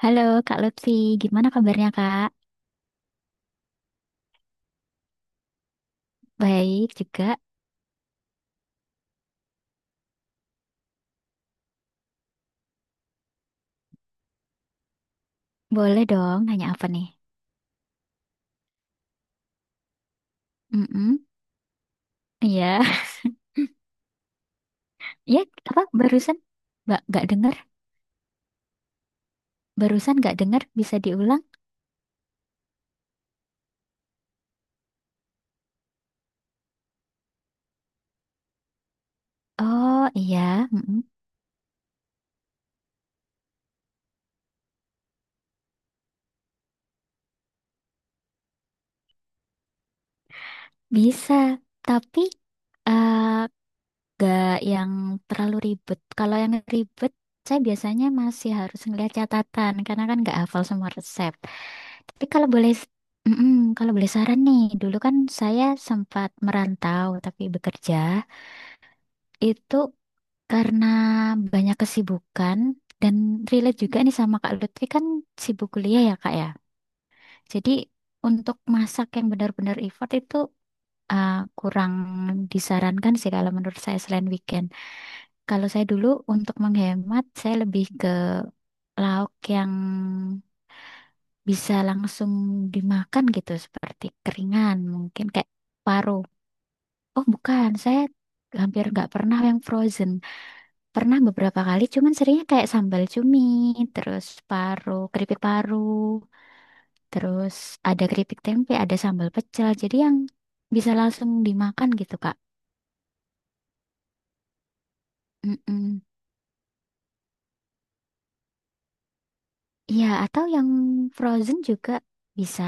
Halo Kak Lutfi, gimana kabarnya Kak? Baik juga. Boleh dong nanya apa nih? Mm-mm. Iya. Ya, apa barusan? Mbak, nggak dengar? Barusan nggak dengar? Bisa diulang? Oh iya, mm-mm. Bisa. Tapi gak yang terlalu ribet. Kalau yang ribet, saya biasanya masih harus ngeliat catatan karena kan nggak hafal semua resep. Tapi kalau boleh, mm-mm, kalau boleh saran nih, dulu kan saya sempat merantau tapi bekerja itu karena banyak kesibukan dan relate juga nih sama Kak Lutfi kan sibuk kuliah ya Kak ya. Jadi untuk masak yang benar-benar effort itu uh, kurang disarankan sih kalau menurut saya selain weekend. Kalau saya dulu untuk menghemat, saya lebih ke lauk yang bisa langsung dimakan gitu seperti keringan mungkin kayak paru. Oh bukan, saya hampir nggak pernah yang frozen. Pernah beberapa kali, cuman seringnya kayak sambal cumi, terus paru, keripik paru, terus ada keripik tempe, ada sambal pecel. Jadi yang bisa langsung dimakan gitu Kak. Mm-mm. Iya, atau yang frozen juga bisa.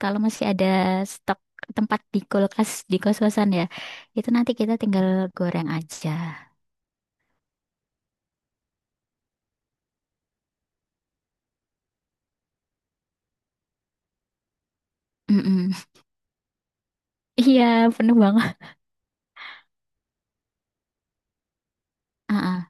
Kalau masih ada stok tempat di kulkas di kos-kosan ya, itu nanti kita tinggal goreng aja. Mm-mm. Iya, penuh banget. Heeh.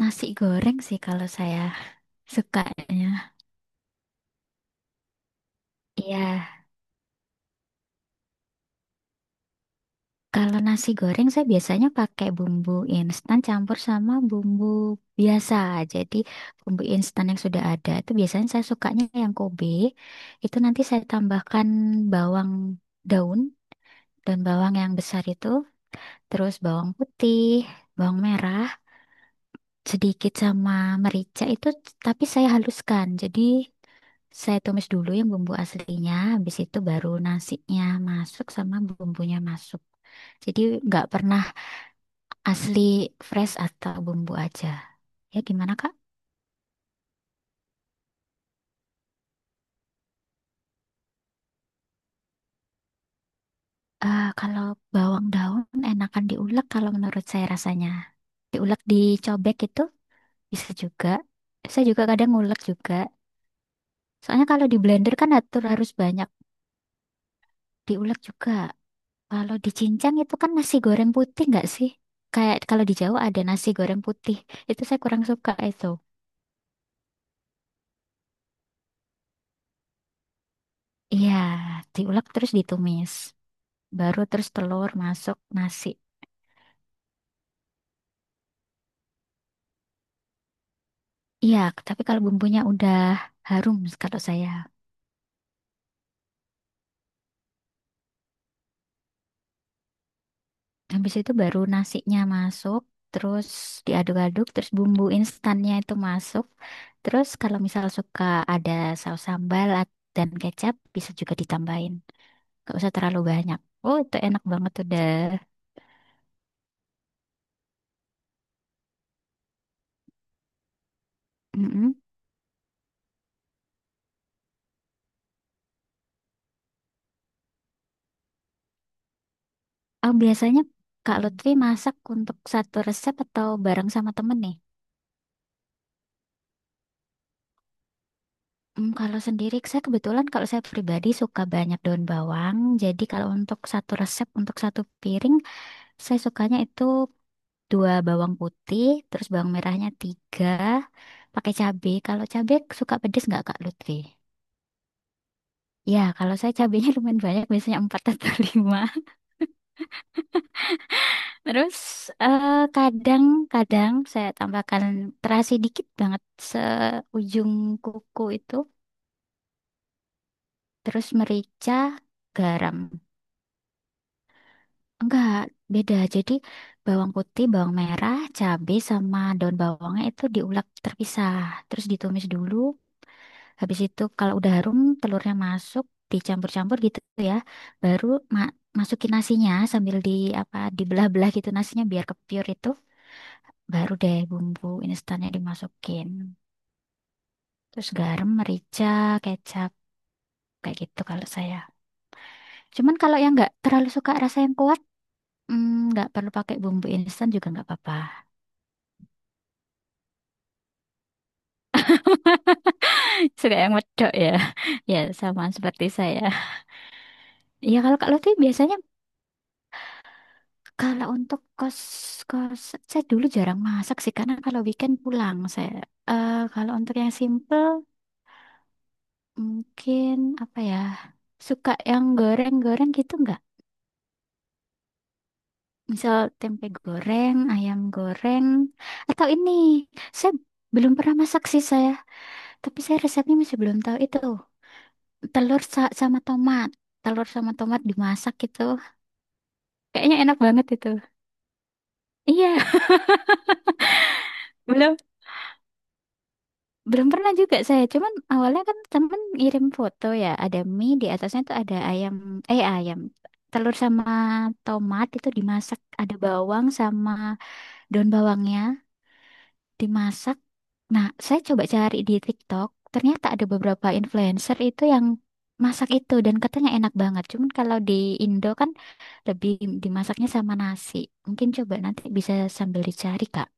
Nasi goreng sih kalau saya sukanya. Iya, kalau nasi goreng saya biasanya pakai bumbu instan campur sama bumbu biasa. Jadi bumbu instan yang sudah ada itu biasanya saya sukanya yang Kobe. Itu nanti saya tambahkan bawang daun dan bawang yang besar itu, terus bawang putih, bawang merah, sedikit sama merica itu tapi saya haluskan. Jadi saya tumis dulu yang bumbu aslinya, habis itu baru nasinya masuk sama bumbunya masuk. Jadi nggak pernah asli fresh atau bumbu aja. Ya gimana Kak? Kalau bawang daun enakan diulek kalau menurut saya rasanya. Diulek dicobek itu bisa juga. Saya juga kadang ngulek juga. Soalnya kalau di blender kan atur harus banyak diulek juga. Kalau di Cincang itu kan nasi goreng putih nggak sih? Kayak kalau di Jawa ada nasi goreng putih. Itu saya kurang suka itu. Iya, diulek terus ditumis. Baru terus telur masuk nasi. Iya, tapi kalau bumbunya udah harum kalau saya. Habis itu baru nasinya masuk, terus diaduk-aduk, terus bumbu instannya itu masuk. Terus kalau misal suka ada saus sambal dan kecap bisa juga ditambahin. Gak usah terlalu banyak. Oh, itu enak banget udah. Mm-mm. Oh, biasanya Kak Lutfi masak untuk satu resep atau bareng sama temen nih? Hmm, kalau sendiri, saya kebetulan kalau saya pribadi suka banyak daun bawang. Jadi kalau untuk satu resep, untuk satu piring, saya sukanya itu dua bawang putih, terus bawang merahnya tiga, pakai cabai. Kalau cabai suka pedes nggak Kak Lutfi? Ya, kalau saya cabainya lumayan banyak, biasanya empat atau lima. Terus kadang-kadang saya tambahkan terasi dikit banget seujung kuku itu, terus merica, garam. Enggak, beda. Jadi bawang putih, bawang merah, cabai sama daun bawangnya itu diulek terpisah, terus ditumis dulu. Habis itu kalau udah harum, telurnya masuk, dicampur-campur gitu ya. Baru ma- masukin nasinya sambil di apa dibelah-belah gitu nasinya biar kepiur itu. Baru deh bumbu instannya dimasukin. Terus garam, merica, kecap, kayak gitu kalau saya. Cuman kalau yang nggak terlalu suka rasa yang kuat, nggak perlu pakai bumbu instan juga nggak apa-apa. Suka yang medok ya. Ya, sama seperti saya. Iya, kalau Kak Lutfi biasanya kalau untuk kos-kos, saya dulu jarang masak sih, karena kalau weekend pulang saya. Kalau untuk yang simple, mungkin apa ya, suka yang goreng-goreng gitu nggak? Misal tempe goreng, ayam goreng, atau ini. Saya belum pernah masak sih saya, tapi saya resepnya masih belum tahu itu. Sama tomat. Telur sama tomat dimasak gitu. Kayaknya enak banget itu. Iya, belum belum pernah juga saya. Cuman awalnya kan temen ngirim foto ya, ada mie di atasnya tuh ada ayam telur sama tomat itu dimasak, ada bawang sama daun bawangnya dimasak. Nah, saya coba cari di TikTok, ternyata ada beberapa influencer itu yang masak itu dan katanya enak banget. Cuman kalau di Indo kan lebih dimasaknya sama nasi. Mungkin coba nanti bisa sambil dicari, Kak.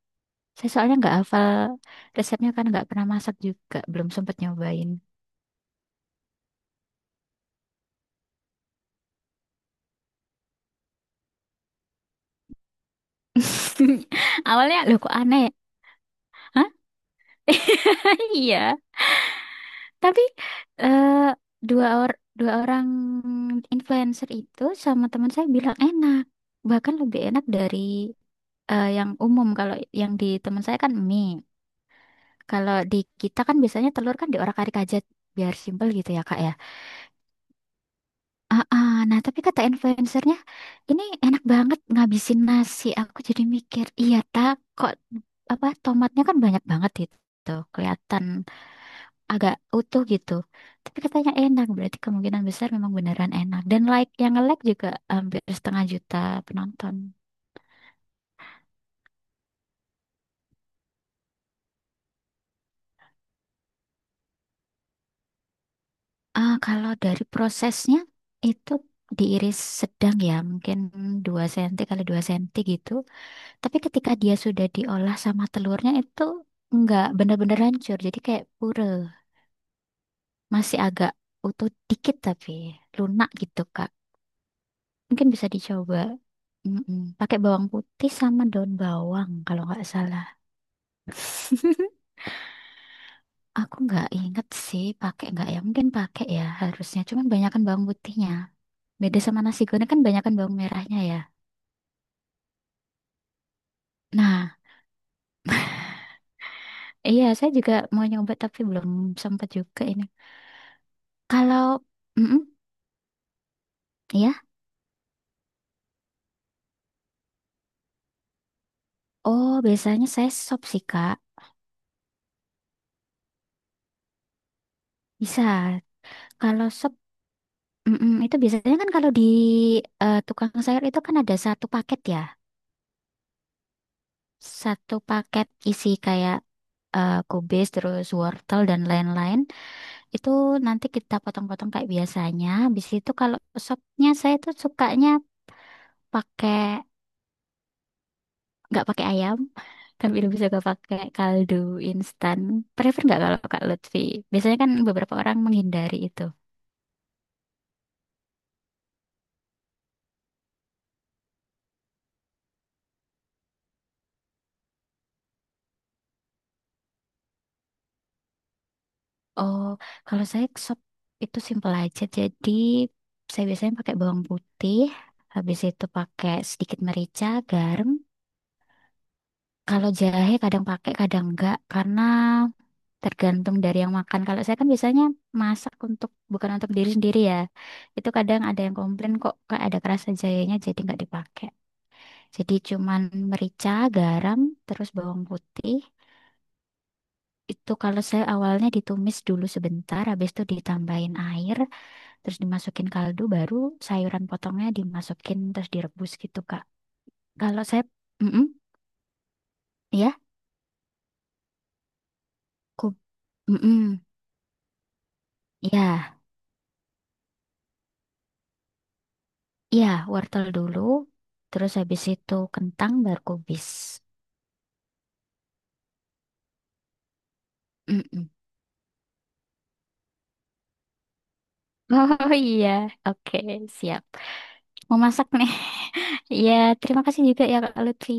Saya soalnya nggak hafal resepnya kan nggak pernah masak juga, belum sempat nyobain. Awalnya loh kok aneh ya? Hah? Iya. Tapi eh, dua or dua orang influencer itu sama teman saya bilang enak. Bahkan lebih enak dari yang umum. Kalau yang di teman saya kan mie, kalau di kita kan biasanya telur kan diorak-arik aja biar simpel gitu ya kak ya. Nah, tapi kata influencernya ini enak banget ngabisin nasi, aku jadi mikir iya tak kok apa tomatnya kan banyak banget itu kelihatan agak utuh gitu tapi katanya enak berarti kemungkinan besar memang beneran enak, dan like yang nge-like juga hampir setengah juta penonton. Ah, kalau dari prosesnya itu diiris sedang ya, mungkin 2 senti kali 2 senti gitu. Tapi ketika dia sudah diolah sama telurnya itu nggak benar-benar hancur. Jadi kayak pure, masih agak utuh dikit tapi lunak gitu, Kak. Mungkin bisa dicoba. Mm-mm. Pakai bawang putih sama daun bawang kalau nggak salah. Aku nggak inget sih pakai nggak ya. Mungkin pakai ya harusnya. Cuman banyakan bawang putihnya. Beda sama nasi goreng kan banyakan bawang merahnya ya. Nah, iya saya juga mau nyoba tapi belum sempat juga ini. Kalau, mm ya, oh biasanya saya sop sih Kak. Bisa. Kalau sop, itu biasanya kan kalau di tukang sayur itu kan ada satu paket ya. Satu paket isi kayak kubis, terus wortel dan lain-lain. Itu nanti kita potong-potong kayak biasanya. Habis itu kalau sopnya saya tuh sukanya pakai nggak pakai ayam tapi lebih suka pakai kaldu instan, prefer nggak kalau Kak Lutfi, biasanya kan beberapa orang menghindari itu. Oh, kalau saya sop itu simpel aja, jadi saya biasanya pakai bawang putih, habis itu pakai sedikit merica garam. Kalau jahe kadang pakai kadang enggak karena tergantung dari yang makan. Kalau saya kan biasanya masak untuk bukan untuk diri sendiri ya, itu kadang ada yang komplain kok Kak, ada kerasa jahenya jadi nggak dipakai. Jadi cuman merica, garam, terus bawang putih. Itu kalau saya awalnya ditumis dulu sebentar, habis itu ditambahin air, terus dimasukin kaldu, baru sayuran potongnya dimasukin terus direbus gitu, Kak. Kalau saya, mm ya, ku, mm ya, ya, wortel dulu, terus habis itu kentang, baru kubis. Mm-mm. Oh iya, oke, siap. Mau masak nih. Ya, terima kasih juga ya Kak Lutfi.